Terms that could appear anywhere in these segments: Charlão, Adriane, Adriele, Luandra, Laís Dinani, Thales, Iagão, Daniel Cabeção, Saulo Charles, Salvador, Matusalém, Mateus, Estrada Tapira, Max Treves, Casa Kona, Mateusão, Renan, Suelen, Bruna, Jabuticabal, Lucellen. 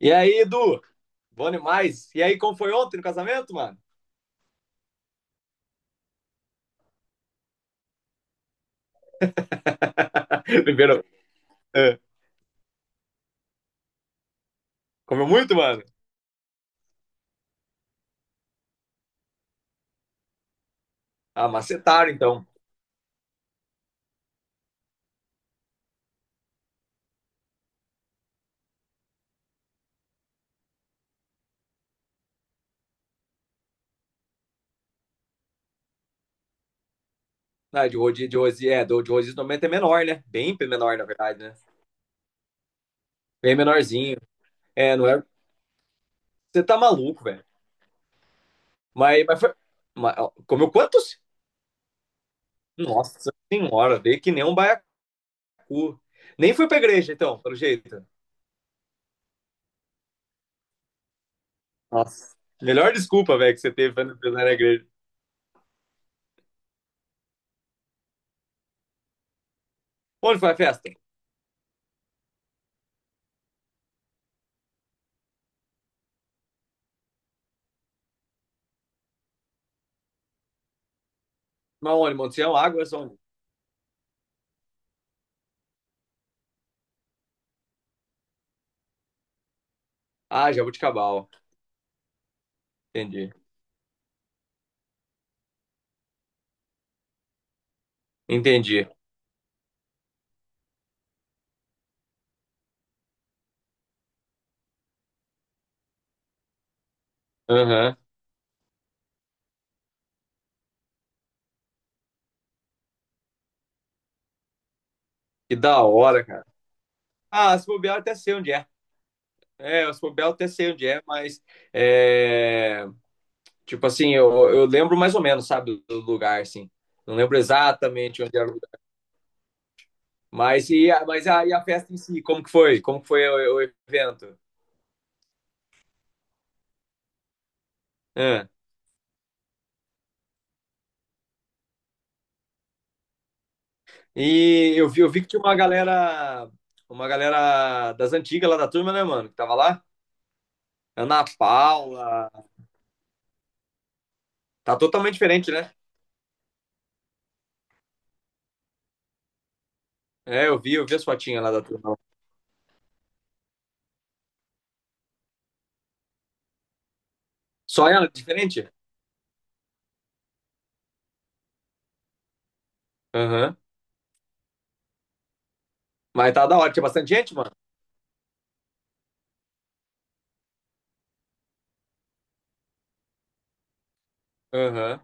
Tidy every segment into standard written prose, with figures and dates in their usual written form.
E aí, Edu? Bom demais. E aí, como foi ontem no casamento, mano? Primeiro, é, comeu muito, mano? Ah, macetaram, então. Ah, de rodízio normalmente é menor, né? Bem menor, na verdade, né? Bem menorzinho. É, não é. Você tá maluco, velho. Mas foi, ó, comeu quantos? Nossa senhora, veio que nem um baiacu. Nem fui pra igreja, então, pelo jeito. Nossa. Melhor desculpa, velho, que você teve pra não ir na igreja. Onde foi a festa? Mas onde? Monte Sião, Águas, onde? Ah, Jabuticabal. Entendi. Entendi. Aham. Que da hora, cara. Ah, se bobear, eu até sei onde é. É, se bobear, eu até sei onde é, mas é, tipo assim, eu lembro mais ou menos, sabe, do lugar, assim. Não lembro exatamente onde era o lugar. E a festa em si, como que foi? Como que foi o evento? Ah, e eu vi que tinha uma galera das antigas lá da turma, né, mano, que tava lá. Ana Paula. Tá totalmente diferente, né? É, eu vi as fotinhas lá da turma. Só ela, diferente? Aham. Mas tá da hora, tinha bastante gente, mano. Aham.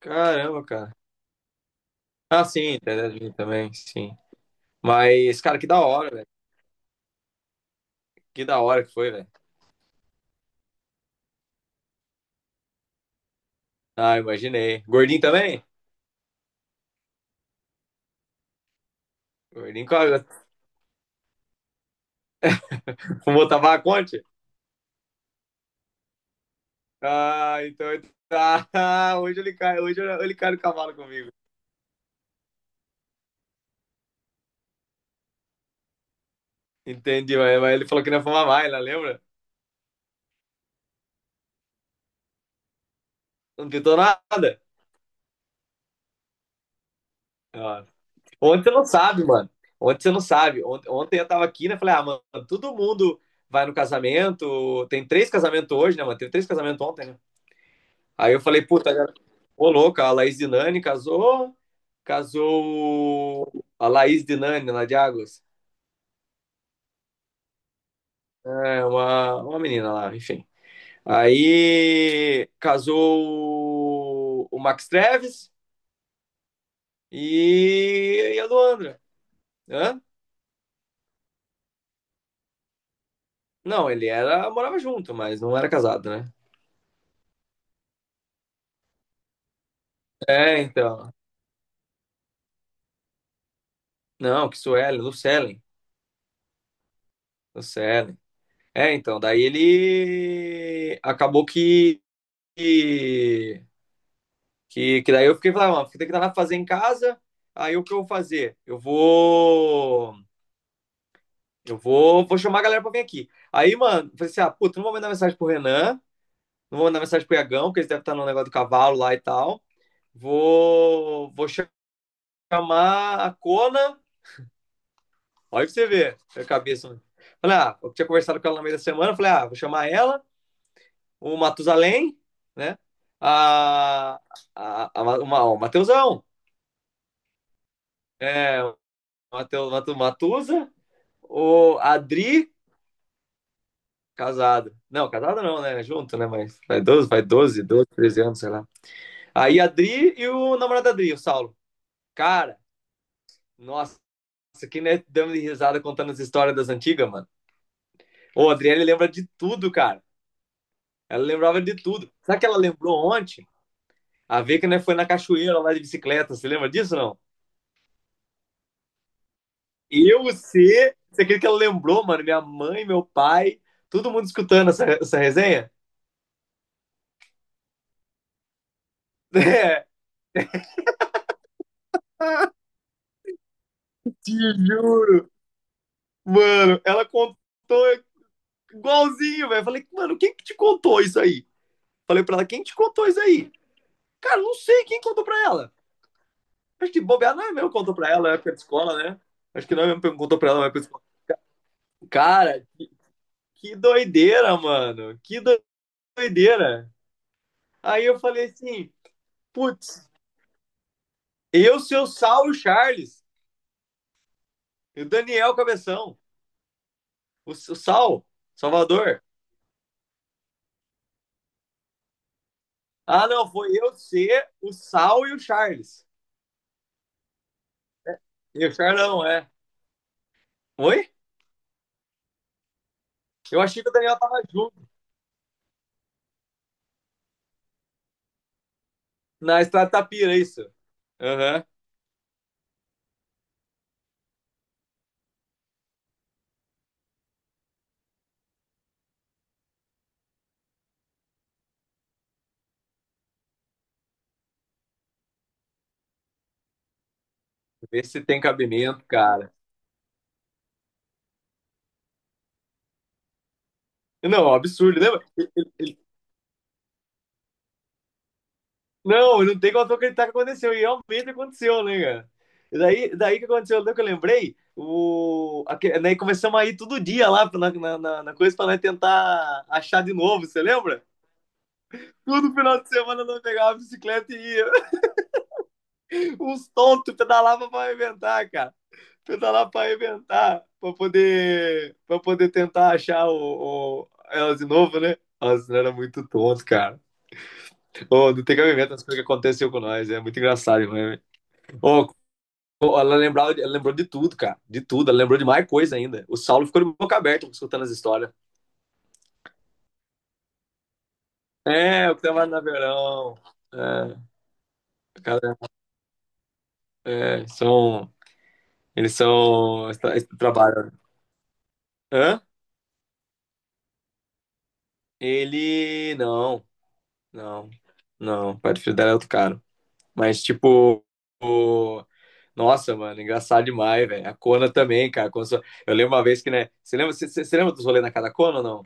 Caramba, cara. Ah, sim, internet também, sim. Mas, cara, que da hora, velho. Que da hora que foi, velho. Ah, imaginei. Gordinho também? Gordinho com a, fumou tabaco ontem? Ah, então, ah, hoje ele cai no cavalo comigo. Entendi, mas, ele falou que não ia fumar mais, né? Lembra? Não tentou nada. Ah, ontem você não sabe, mano. Ontem você não sabe. Ontem eu tava aqui, né? Falei, ah, mano, todo mundo vai no casamento. Tem três casamentos hoje, né, mano? Teve três casamentos ontem, né? Aí eu falei, puta, cara, ô louca, a Laís Dinani casou. Casou a Laís Dinani, lá de Águas. É uma menina lá, enfim. Aí casou o Max Treves e a Luandra. Hã? Não, ele era, morava junto, mas não era casado, né? É, então. Não, que Suelen, Lucellen, Lucellen. É, então, daí ele acabou que, que daí eu fiquei falando, mano, tem que dar fazer em casa. Aí o que eu vou fazer? Eu vou chamar a galera pra vir aqui. Aí, mano, eu falei assim: "Ah, puta, não vou mandar mensagem pro Renan, não vou mandar mensagem pro Iagão, porque eles devem estar no negócio do cavalo lá e tal. Vou chamar a Cona." Olha pra você ver, a cabeça. Falei, ah, eu tinha conversado com ela no meio da semana, falei, ah, vou chamar ela, o Matusalém, né? A, o Mateusão, o Mateus, o Adri, casado. Não, casado não, né? Junto, né? Mas vai 12, vai 13 anos, sei lá. Aí a Adri e o namorado da Adri, o Saulo. Cara, nossa, isso aqui né, dando de risada contando as histórias das antigas, mano. Ô, a Adriane lembra de tudo, cara. Ela lembrava de tudo. Sabe o que ela lembrou ontem? A ver que né, foi na cachoeira lá de bicicleta. Você lembra disso, não? Eu, você acredita que ela lembrou, mano? Minha mãe, meu pai, todo mundo escutando essa resenha? É, te juro. Mano, ela contou igualzinho, velho. Falei, mano, quem que te contou isso aí? Falei pra ela, quem te contou isso aí? Cara, não sei quem contou pra ela. Acho que bobear não é meu que contou pra ela, é época de escola, né? Acho que não é mesmo que contou pra ela, é época de escola. Cara, que doideira, mano. Que doideira. Aí eu falei assim, putz, eu, seu Saulo Charles, e o Daniel Cabeção. O Sal, Salvador. Ah, não, foi eu, você, o Sal e o Charles. E o Charlão, é. Oi? Eu achei que o Daniel tava junto na Estrada Tapira, isso. Aham. Vê se tem cabimento, cara. Não, absurdo, né? Não, não tem como eu acreditar que aconteceu. E realmente aconteceu, né, cara? E daí que aconteceu, daí que eu lembrei, daí começamos a ir todo dia lá na coisa pra nós tentar achar de novo, você lembra? Todo final de semana nós pegava a bicicleta e ia. Uns tontos pedalavam pra arrebentar, cara. Pedalar pra arrebentar, pra poder tentar achar o elas de novo, né? Nossa, era muito tonto, cara. Ô, não tem cabimento as coisas que aconteceu com nós. É muito engraçado, né? Ô, ô, ela lembrou de tudo, cara. De tudo. Ela lembrou de mais coisa ainda. O Saulo ficou de boca aberta escutando as histórias. É, o que tava na verão. É, cara, é, são. Eles são, trabalham. Hã? Ele. Não. Não, não, o pai do filho dela é outro cara. Mas, tipo, o- nossa, mano, engraçado demais, velho. A Kona também, cara. Eu lembro uma vez que, né? Você lembra dos rolês da Casa Kona ou não?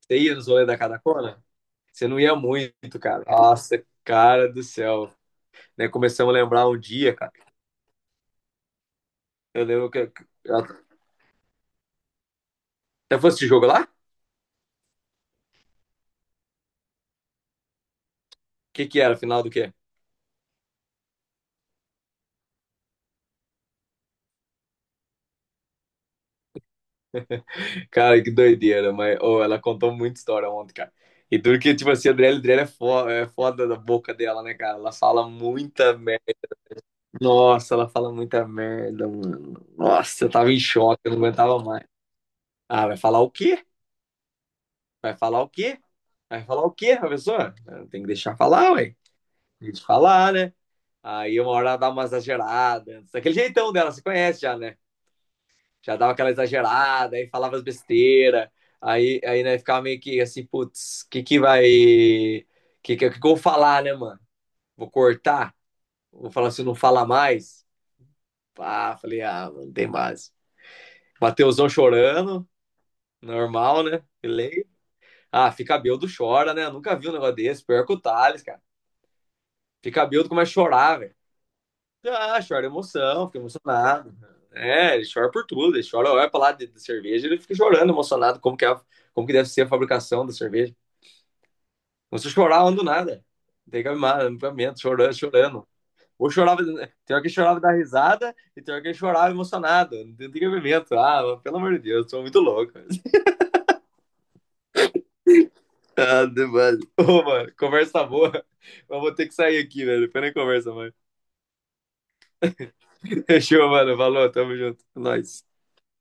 Você ia nos rolês da Casa Kona? Você não ia muito, cara. Nossa, cara do céu. Né, começamos a lembrar um dia, cara. Eu lembro que. Que- eu Até foi esse jogo lá? O que que era? Final do quê? Cara, que doideira, mas oh, ela contou muita história ontem, cara. E tudo que, tipo assim, a Adriele é é foda da boca dela, né, cara? Ela fala muita merda. Nossa, ela fala muita merda, mano. Nossa, eu tava em choque, eu não aguentava mais. Ah, vai falar o quê? Vai falar o quê? Vai falar o quê, professor? Ah, tem que deixar falar, ué. Tem que falar, né? Aí uma hora ela dá uma exagerada. Daquele jeitão dela, você conhece já, né? Já dava aquela exagerada, aí falava as besteiras. Aí né, ficava meio que assim, putz, o que que vai. O que eu vou falar, né, mano? Vou cortar? Vou falar se não fala mais? Pá, falei, ah, mano, tem mais. Mateusão chorando. Normal, né? Ele. Ah, fica bêbado, chora, né? Eu nunca vi um negócio desse. Pior que o Thales, cara. Fica bêbado, começa a chorar, velho. Ah, chora de emoção, fica emocionado. É, ele chora por tudo. Ele chora, olha pra lá de, cerveja, ele fica chorando, emocionado. Como que, como que deve ser a fabricação da cerveja? Não se chorar, eu ando nada. Tem que amar, amamento, chorando, chorando. Ou chorava, tem hora que chorava da risada e tem hora que chorava emocionado. Não tem cabimento. Ah, pelo amor de Deus, sou muito louco. Ah, demais. Ô, mano, conversa boa. Mas vou ter que sair aqui, velho. Depois nem conversa, mano. Fechou, mano. Falou, tamo junto. Nós.